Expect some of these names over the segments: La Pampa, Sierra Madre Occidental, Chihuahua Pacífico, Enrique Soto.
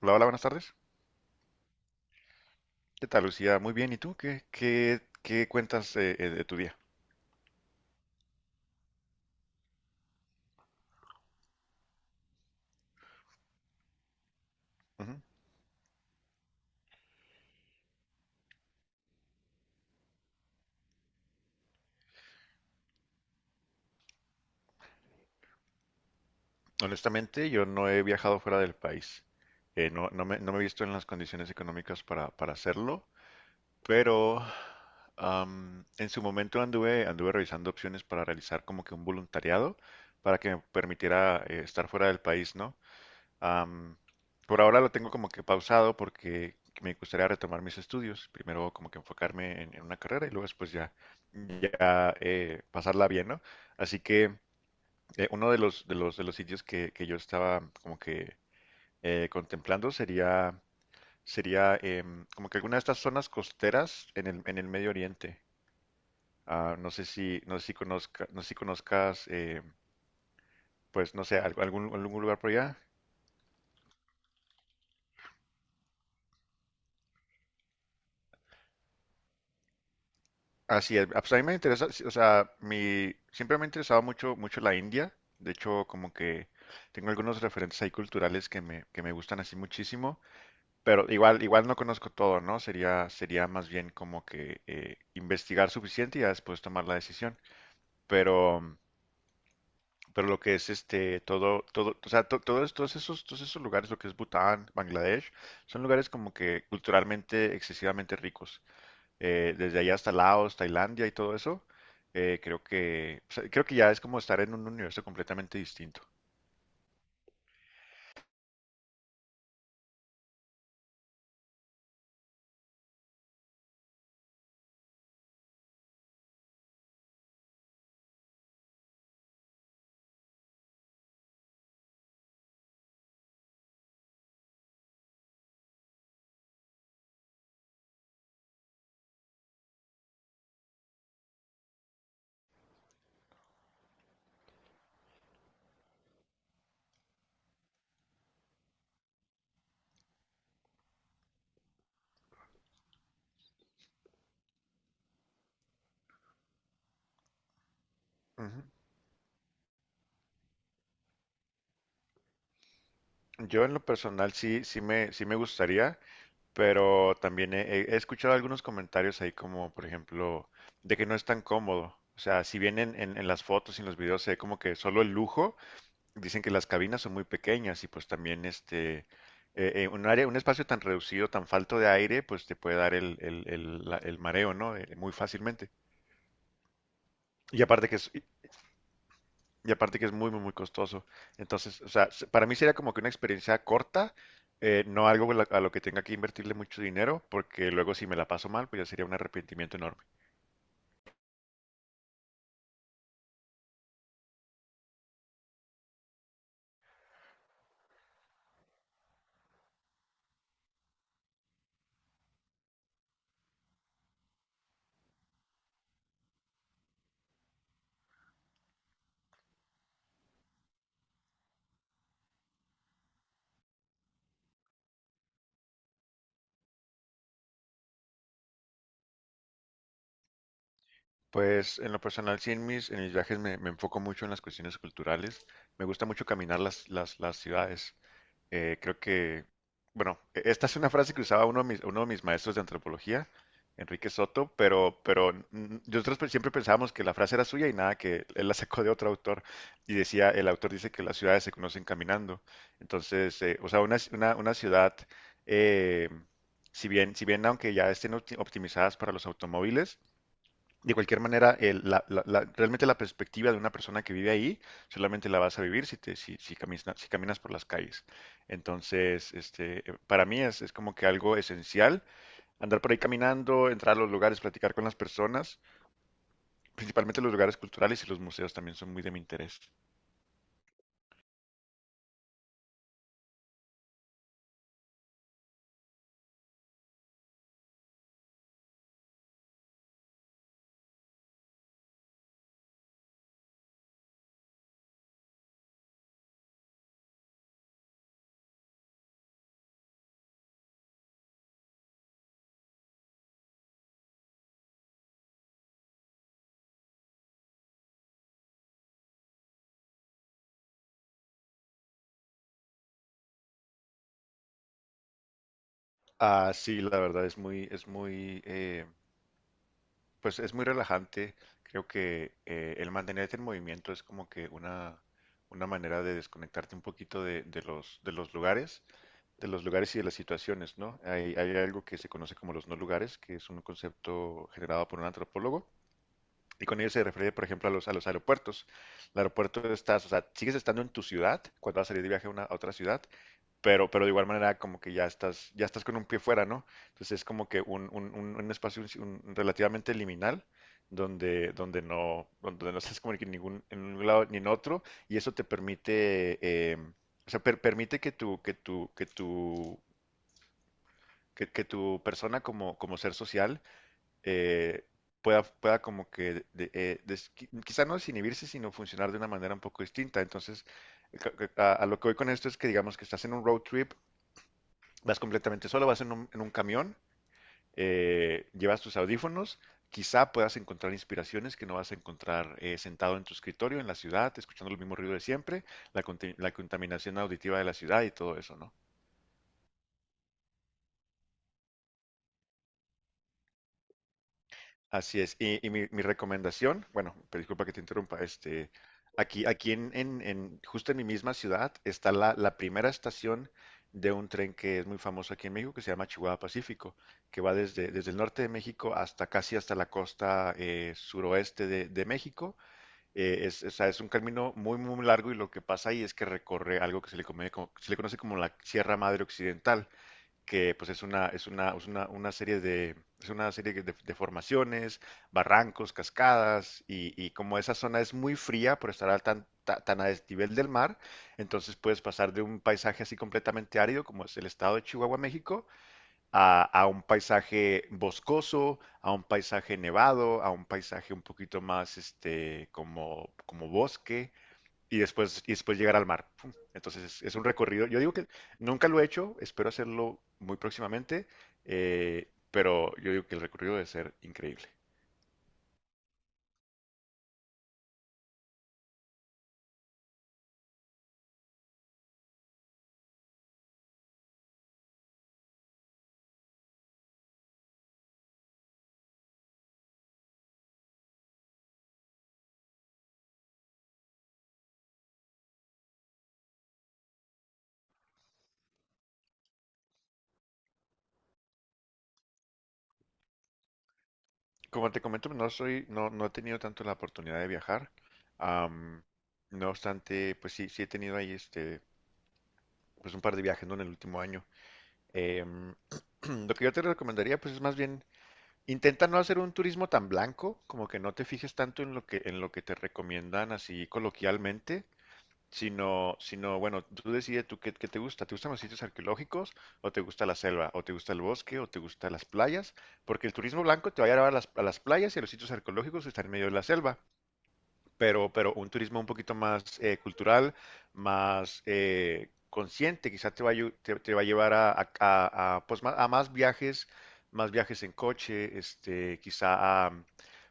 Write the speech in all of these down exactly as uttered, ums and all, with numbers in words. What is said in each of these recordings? Hola, hola, buenas tardes. ¿Qué tal, Lucía? Muy bien. ¿Y tú? ¿Qué, qué, qué cuentas eh, eh, de tu día? Ujú. Honestamente, yo no he viajado fuera del país. Eh, no, no me, no me he visto en las condiciones económicas para, para hacerlo, pero am, en su momento anduve, anduve revisando opciones para realizar como que un voluntariado para que me permitiera eh, estar fuera del país, ¿no? Am, por ahora lo tengo como que pausado porque me gustaría retomar mis estudios. Primero como que enfocarme en, en una carrera y luego después ya, ya eh, pasarla bien, ¿no? Así que eh, uno de los, de los, de los sitios que, que yo estaba como que eh, contemplando sería, sería em, como que alguna de estas zonas costeras en el, en el Medio Oriente. Ah, no sé si, no sé si conozca, no sé si conozcas, eh, pues no sé, algo- algún, algún lugar por allá. Así es. Ah, pues a mí me interesa, sí, o sea, mi, siempre me ha interesado mucho, mucho la India. De hecho, como que tengo algunos referentes ahí culturales que me, que me gustan así muchísimo. Pero igual, igual no conozco todo, ¿no? Sería, sería más bien como que eh, investigar suficiente y ya después tomar la decisión. Pero, pero lo que es este, todo, todo, o sea, to- todos, todos esos, todos esos lugares, lo que es Bután, Bangladesh, son lugares como que culturalmente excesivamente ricos, eh, desde allá hasta Laos, Tailandia y todo eso, eh, creo que, o sea, creo que ya es como estar en un universo completamente distinto. Ujú. Yo en lo personal sí, sí me, sí me gustaría, pero también he, he- he escuchado algunos comentarios ahí como, por ejemplo, de que no es tan cómodo. O sea, si bien en, en- en las fotos y en los videos se ve como que solo el lujo, dicen que las cabinas son muy pequeñas y pues también este, eh, eh, un área, un espacio tan reducido, tan falto de aire, pues te puede dar el, el, el, la- el mareo, ¿no? Eh, muy fácilmente. Y aparte que es, y aparte que es muy, muy, muy costoso. Entonces, o sea, se- para mí sería como que una experiencia corta, eh, no algo a lo a lo que tenga que invertirle mucho dinero, porque luego si me la paso mal, pues ya sería un arrepentimiento enorme. Pues en lo personal, sí, en mis, en mis viajes me, me enfoco mucho en las cuestiones culturales. Me gusta mucho caminar las, las, las ciudades. eh, creo que, bueno, e-, esta es una frase que usaba uno de mis, uno de mis maestros de antropología, Enrique Soto, pero, pero mm, nosotros pe- siempre pensábamos que la frase era suya y nada, que él la sacó de otro autor y decía, el autor dice que las ciudades se conocen caminando. Entonces, eh, o sea, una, ci- una- una ciudad, eh, si bien, si bien aunque ya estén opti- optimizadas para los automóviles, de cualquier manera, el- la- la- la- realmente la perspectiva de una persona que vive ahí solamente la vas a vivir si, te, si, si, caminas, si caminas por las calles. Entonces, este, eh, para mí es, es como que algo esencial andar por ahí caminando, entrar a los lugares, platicar con las personas, principalmente los lugares culturales y los museos también son muy de mi interés. Ah, sí, la verdad es muy, es muy, eh, pues es muy relajante. Creo que eh, el mantenerte en movimiento es como que una, una manera de desconectarte un poquito de, de los, de los lugares, de los lugares y de las situaciones, ¿no? Hay, hay algo que se conoce como los no lugares, que es un concepto generado por un antropólogo, y con ello se refiere, por ejemplo, a los, a los aeropuertos. El aeropuerto estás, o sea, sigues estando en tu ciudad cuando vas a salir de viaje a, una, a otra ciudad, pero, pero de igual manera como que ya estás, ya estás con un pie fuera, ¿no? Entonces es como que un, un, un- un espacio un- un relativamente liminal donde, donde no, donde no estás como que en ningún, en un lado ni en otro, y eso te permite, eh, o sea, per- permite que tu, que tu, que tu, que, que tu persona como, como ser social, eh, pueda, pueda como que de- eh, des- qui- quizá no desinhibirse, sino funcionar de una manera un poco distinta. Entonces, ca- ca- a, a lo que voy con esto es que digamos que estás en un road trip, vas completamente solo, vas en un, en un camión, eh, llevas tus audífonos, quizá puedas encontrar inspiraciones que no vas a encontrar eh, sentado en tu escritorio, en la ciudad, escuchando el mismo ruido de siempre, la, conti- la contaminación auditiva de la ciudad y todo eso, ¿no? Así es. Y, y mi, mi recomendación, bueno, pero disculpa que te interrumpa, este, aquí, aquí en, en- en- justo en mi misma ciudad está la, la primera estación de un tren que es muy famoso aquí en México, que se llama Chihuahua Pacífico, que va desde, desde el norte de México hasta casi hasta la costa eh, suroeste de, de México. Eh, es, o sea, es un camino muy, muy largo y lo que pasa ahí es que recorre algo que se le, come como- se le conoce como la Sierra Madre Occidental, que pues es una, es una, es una, una serie de, es una serie de, de formaciones, barrancos, cascadas, y, y como esa zona es muy fría por estar al tan, ta- tan a desnivel del mar, entonces puedes pasar de un paisaje así completamente árido, como es el estado de Chihuahua, México, a, a un paisaje boscoso, a un paisaje nevado, a un paisaje un poquito más este, como, como bosque y después, y después llegar al mar. Pum. Entonces es, es un recorrido. Yo digo que nunca lo he hecho, espero hacerlo muy próximamente, eh, pero yo digo que el recorrido debe ser increíble. Como te comento, no soy, no, no he tenido tanto la oportunidad de viajar. Am, no obstante, pues sí, sí he tenido ahí este, pues un par de viajes, ¿no? En el último año. Em, lo que yo te recomendaría, pues es más bien, intenta no hacer un turismo tan blanco, como que no te fijes tanto en lo que, en lo que te recomiendan así coloquialmente, sino, sino, bueno, tú decides tú qué, qué te gusta. ¿Te gustan los sitios arqueológicos o te gusta la selva o te gusta el bosque o te gustan las playas? Porque el turismo blanco te va a llevar a las, a las playas y a los sitios arqueológicos que están en medio de la selva, pero, pero un turismo un poquito más eh, cultural, más eh, consciente, quizás te va a, ayu- te, te va a llevar a, a- a- a, pues, ma- a más viajes, más viajes en coche, este, quizá a,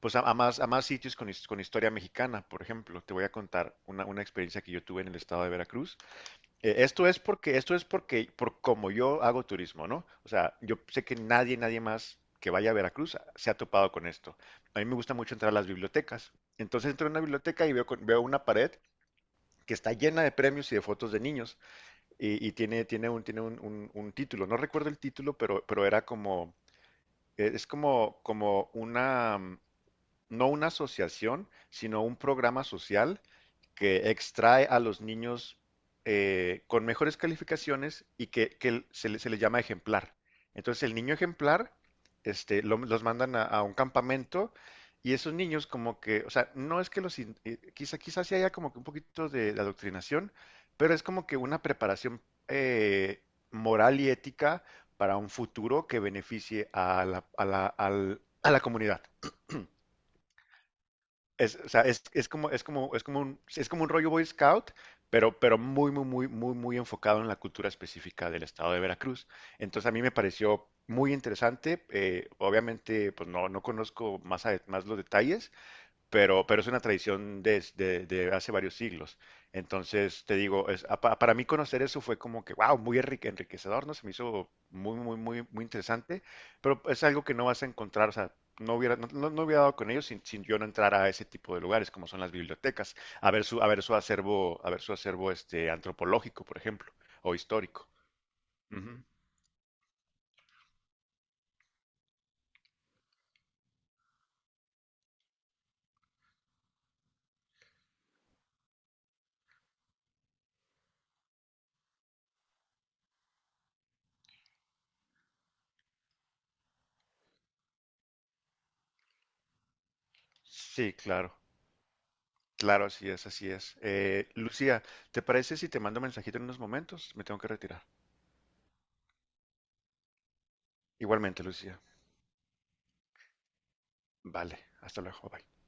pues, a, a más, a más sitios con, his- con historia mexicana, por ejemplo. Te voy a contar una, una experiencia que yo tuve en el estado de Veracruz. Eh, Esto es porque, esto es porque, por como yo hago turismo, ¿no? O sea, yo sé que nadie, nadie más que vaya a Veracruz a- se ha topado con esto. A mí me gusta mucho entrar a las bibliotecas. Entonces entro a una biblioteca y veo, con- veo una pared que está llena de premios y de fotos de niños. Y, y tiene, tiene un, tiene un, un- un título. No recuerdo el título, pero, pero era como, eh, es como, como una, mm, no una asociación, sino un programa social que extrae a los niños eh, con mejores calificaciones y que, que se le, se le llama ejemplar. Entonces el niño ejemplar este, lo- los mandan a, a un campamento y esos niños como que, o sea, no es que los, in- eh, quizá, quizás sí haya como que un poquito de, de adoctrinación, pero es como que una preparación eh, moral y ética para un futuro que beneficie a la, a la, al- a la comunidad. Es, o sea, es, es como, es como, es como un, es como un rollo Boy Scout, pero, pero muy, muy, muy, muy, muy enfocado en la cultura específica del estado de Veracruz. Entonces a mí me pareció muy interesante. Eh, obviamente, pues no, no conozco más, a- más los detalles, pero, pero es una tradición desde de, de hace varios siglos. Entonces, te digo, es, a- pa- para mí conocer eso fue como que, wow, muy enrique- enriquecedor, ¿no? Se me hizo muy, muy, muy, muy interesante, pero es algo que no vas a encontrar, o sea, no hubiera, no, no- no hubiera dado con ellos sin, sin yo no entrar a ese tipo de lugares, como son las bibliotecas, a ver su, a ver su acervo, a ver su acervo este, antropológico, por ejemplo, o histórico. Ujú. Sí, claro, claro, así es, así es. Eh, Lucía, ¿te parece si te mando un mensajito en unos momentos? Me tengo que retirar. Igualmente, Lucía. Vale, hasta luego. Bye.